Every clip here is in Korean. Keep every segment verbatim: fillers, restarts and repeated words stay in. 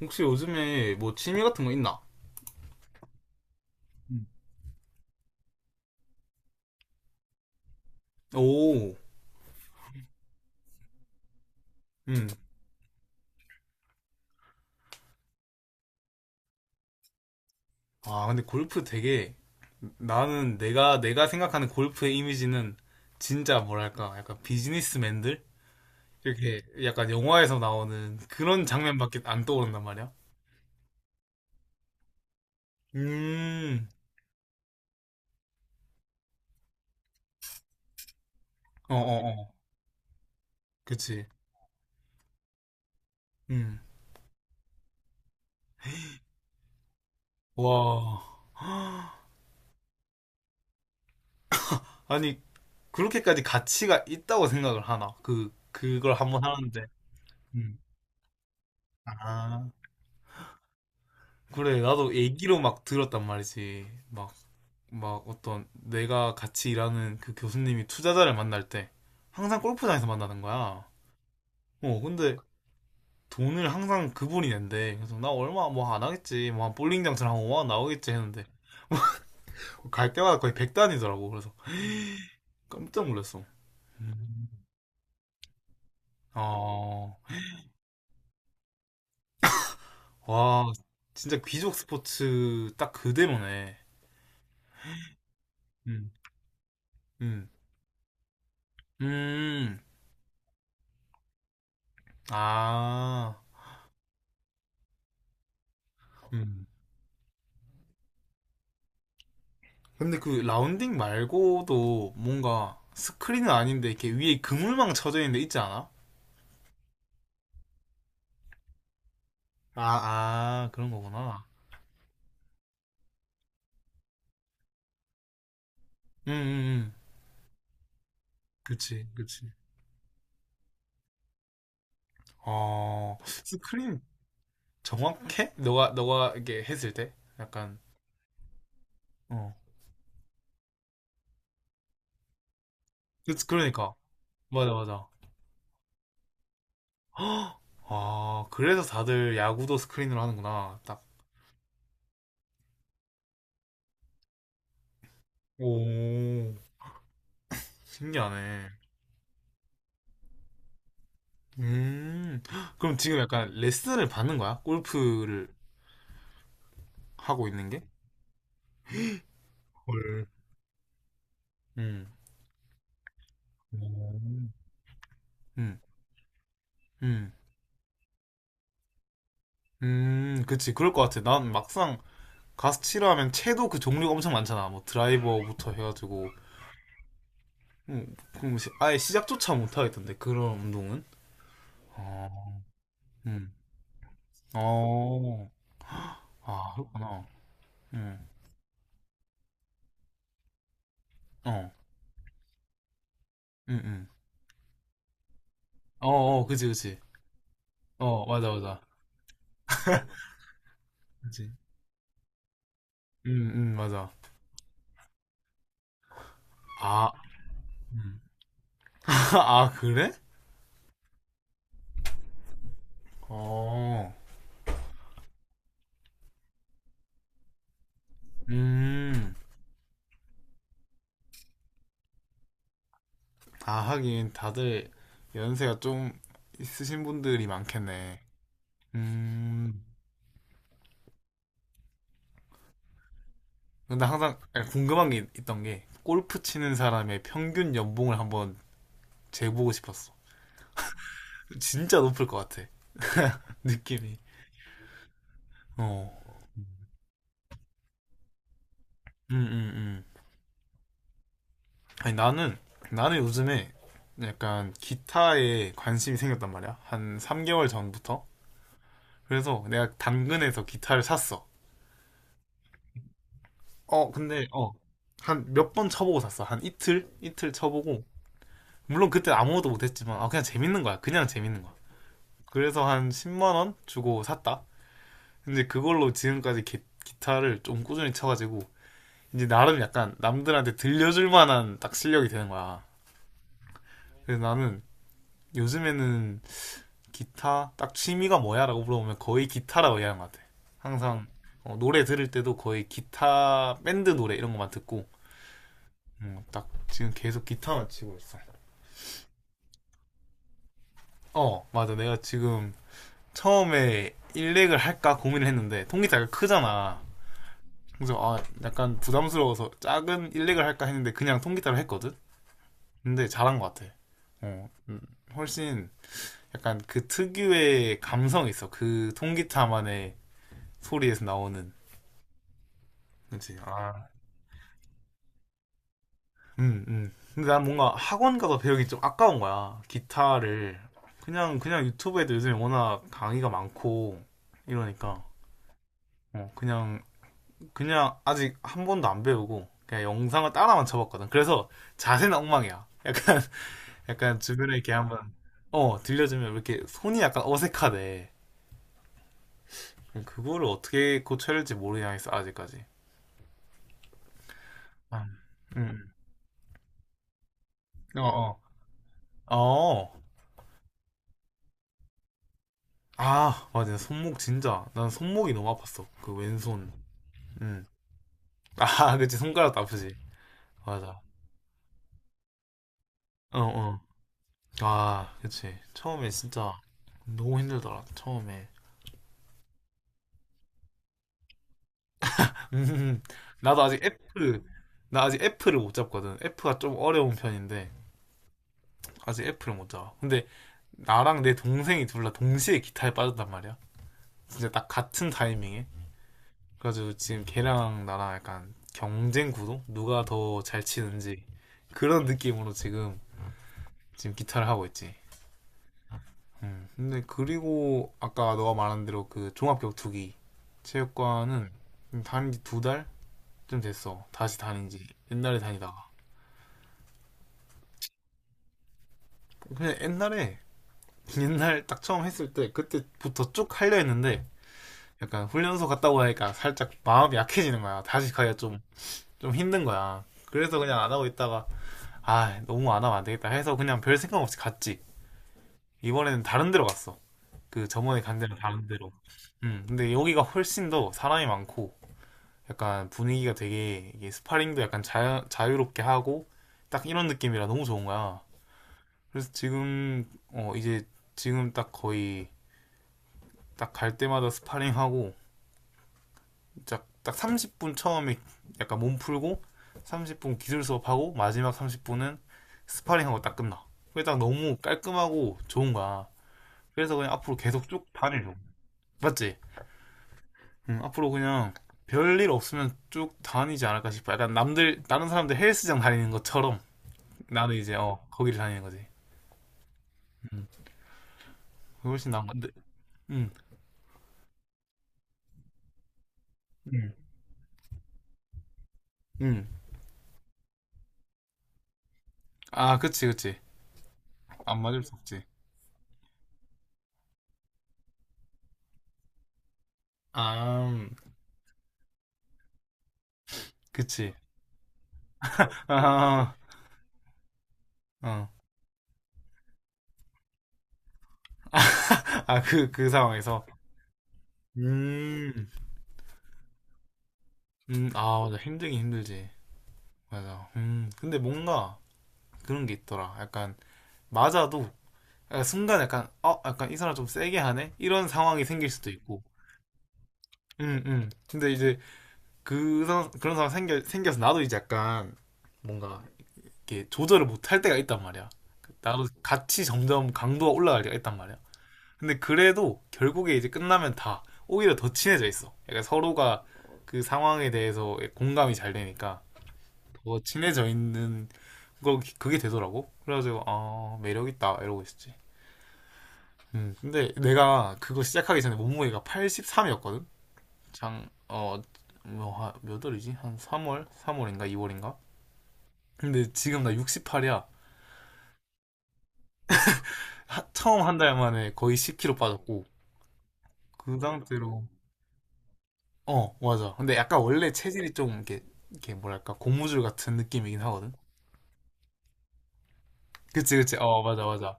혹시 요즘에 뭐 취미 같은 거 있나? 오, 음. 아, 근데 골프 되게, 나는 내가 내가 생각하는 골프의 이미지는 진짜 뭐랄까 약간 비즈니스맨들 이렇게 약간 영화에서 나오는 그런 장면밖에 안 떠오른단 말이야. 음, 어, 어, 어, 그치. 음, 와, 아니 그렇게까지 가치가 있다고 생각을 하나? 그 그걸 한번 하는데. 음. 아, 그래 나도 얘기로 막 들었단 말이지. 막 막 어떤 내가 같이 일하는 그 교수님이 투자자를 만날 때 항상 골프장에서 만나는 거야. 어, 근데 돈을 항상 그분이 낸대. 그래서 나 얼마 뭐 안 하겠지. 뭐 한 볼링 장처럼 한만원 나오겠지 했는데 갈 때마다 거의 백단이더라고. 그래서 깜짝 놀랐어. 음. 아, 와, 진짜 귀족 스포츠 딱 그대로네. 음, 음, 음, 아, 음. 근데 그 라운딩 말고도 뭔가 스크린은 아닌데 이렇게 위에 그물망 쳐져 있는 데 있지 않아? 아, 아, 그런 거구나. 응, 응, 응. 그치, 그치. 어, 스크린 정확해? 너가, 너가 이렇게 했을 때? 약간, 어. 그치, 그러니까. 맞아, 맞아. 헉! 아, 그래서 다들 야구도 스크린으로 하는구나. 딱. 오, 신기하네. 음, 그럼 지금 약간 레슨을 받는 거야? 골프를 하고 있는 게? 헐. 음, 음. 음, 음, 음, 그치. 그럴 것 같아. 난 막상 가스치라 하면 채도 그 종류가 엄청 많잖아. 뭐 드라이버부터 해가지고. 음, 그럼 시- 아예 시작조차 못하겠던데, 그런 운동은. 어, 음, 어, 아, 그렇구나. 음, 어, 음, 음. 어, 어, 그치, 그치. 어, 맞아, 맞아. 그치. 음, 음, 맞아. 아, 음. 아, 그래? 어, 음. 아, 하긴 다들 연세가 좀 있으신 분들이 많겠네. 음. 근데 항상 궁금한 게 있던 게, 골프 치는 사람의 평균 연봉을 한번 재보고 싶었어. 진짜 높을 것 같아. 느낌이. 어. 음, 음, 음. 아니, 나는, 나는 요즘에 약간 기타에 관심이 생겼단 말이야. 한 삼 개월 전부터. 그래서 내가 당근에서 기타를 샀어. 어, 근데, 어. 한 몇 번 쳐보고 샀어. 한 이틀? 이틀 쳐보고. 물론 그때 아무것도 못했지만 아, 그냥 재밌는 거야. 그냥 재밌는 거야. 그래서 한 10만 원 주고 샀다. 근데 그걸로 지금까지 기, 기타를 좀 꾸준히 쳐가지고 이제 나름 약간 남들한테 들려줄 만한 딱 실력이 되는 거야. 그래서 나는 요즘에는 기타, 딱, 취미가 뭐야라고 물어보면 거의 기타라고 얘기하는 것 같아. 항상 어, 노래 들을 때도 거의 기타 밴드 노래 이런 것만 듣고, 음, 딱 지금 계속 기타만 치고 있어. 어 맞아, 내가 지금 처음에 일렉을 할까 고민을 했는데 통기타가 크잖아. 그래서 아 약간 부담스러워서 작은 일렉을 할까 했는데 그냥 통기타로 했거든. 근데 잘한 것 같아. 어, 음, 훨씬 약간 그 특유의 감성이 있어. 그 통기타만의 소리에서 나오는. 그렇지. 아, 음, 음. 근데 난 뭔가 학원 가서 배우기 좀 아까운 거야. 기타를 그냥. 그냥 유튜브에도 요즘에 워낙 강의가 많고 이러니까, 어, 그냥, 그냥 아직 한 번도 안 배우고 그냥 영상을 따라만 쳐봤거든. 그래서 자세는 엉망이야. 약간 약간 주변에 이렇게 한번 어 들려주면 이렇게 손이 약간 어색하대. 그거를 어떻게 고쳐야 할지 모르겠어 아직까지. 아, 음. 어, 어. 어. 아, 맞아. 손목 진짜. 난 손목이 너무 아팠어. 그 왼손. 음. 아, 그치. 손가락도 아프지. 맞아. 어, 어. 아, 그치. 처음에 진짜 너무 힘들더라. 처음에. 음, 나도 아직 F, 나 아직 F를 못 잡거든. F가 좀 어려운 편인데, 아직 F를 못 잡아. 근데 나랑 내 동생이 둘다 동시에 기타에 빠졌단 말이야. 진짜 딱 같은 타이밍에. 그래가지고 지금 걔랑 나랑 약간 경쟁 구도? 누가 더 잘 치는지. 그런 느낌으로 지금, 지금 기타를 하고 있지. 음, 근데 그리고 아까 너가 말한 대로 그 종합격투기 체육관은 다닌 지 두 달쯤 됐어. 다시 다닌 지. 옛날에 다니다가. 그냥 옛날에, 옛날 딱 처음 했을 때, 그때부터 쭉 하려 했는데 약간 훈련소 갔다 오니까 살짝 마음이 약해지는 거야. 다시 가기가 좀, 좀 힘든 거야. 그래서 그냥 안 하고 있다가 아 너무 안 하면 안 되겠다 해서 그냥 별 생각 없이 갔지. 이번에는 다른 데로 갔어. 그 저번에 간 데는 다른 데로. 음, 근데 여기가 훨씬 더 사람이 많고 약간 분위기가 되게 이게 스파링도 약간 자, 자유롭게 하고 딱 이런 느낌이라 너무 좋은 거야. 그래서 지금 어 이제 지금 딱 거의 딱 갈 때마다 스파링하고 딱, 딱 삼십 분 처음에 약간 몸 풀고 삼십 분 기술 수업하고 마지막 삼십 분은 스파링하고 딱 끝나. 그게 딱 너무 깔끔하고 좋은 거야. 그래서 그냥 앞으로 계속 쭉 다니려고. 맞지? 응, 앞으로 그냥 별일 없으면 쭉 다니지 않을까 싶어. 약간 남들, 다른 사람들 헬스장 다니는 것처럼 나는 이제, 어, 거기를 다니는 거지. 응, 그게 훨씬 나은 건데. 응, 응, 응. 아, 그치, 그치. 안 맞을 수 없지. 아, 음, 그치. 아하. 어. 아, 그, 그 상황에서. 음, 음, 아, 맞아. 힘들긴 힘들지. 맞아. 음, 근데 뭔가 그런 게 있더라. 약간, 맞아도, 약간 순간 약간, 어, 약간 이 사람 좀 세게 하네? 이런 상황이 생길 수도 있고. 음, 음. 근데 이제 그, 상- 그런 상황 생겨, 생겨서 나도 이제 약간 뭔가 이렇게 조절을 못할 때가 있단 말이야. 나도 같이 점점 강도가 올라갈 때가 있단 말이야. 근데 그래도 결국에 이제 끝나면 다 오히려 더 친해져 있어. 약간 서로가 그 상황에 대해서 공감이 잘 되니까 더 친해져 있는 거, 그게 되더라고. 그래가지고 아 매력 있다 이러고 있었지. 음, 근데 내가 그거 시작하기 전에 몸무게가 팔십삼이었거든. 장, 어, 뭐, 하- 몇 월이지? 한 삼월? 삼월인가? 이월인가? 근데 지금 나 육십팔이야. 처음 한 달 만에 거의 십 킬로그램 빠졌고, 그 상태로, 어, 맞아. 근데 약간 원래 체질이 좀 이렇게, 이렇게 뭐랄까, 고무줄 같은 느낌이긴 하거든. 그치, 그치. 어, 맞아, 맞아.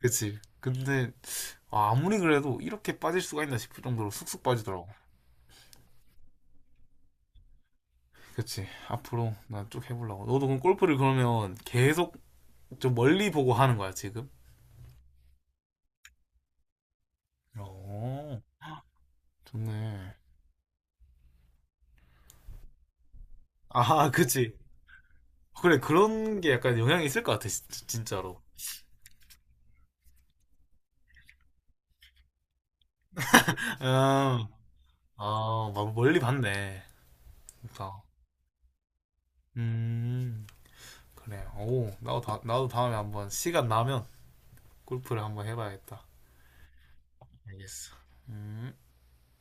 그치. 근데, 아, 아무리 그래도 이렇게 빠질 수가 있나 싶을 정도로 쑥쑥 빠지더라고. 그치. 앞으로 난 쭉 해보려고. 너도 그럼 골프를 그러면 계속 좀 멀리 보고 하는 거야, 지금? 어, 좋네. 아, 그치. 그래, 그런 게 약간 영향이 있을 것 같아, 진- 진짜로. 음, 아, 막 멀리 봤네. 그러니까. 음. 그래. 오, 나도 다, 나도 다음에 한번 시간 나면 골프를 한번 해봐야겠다. 알겠어. 음.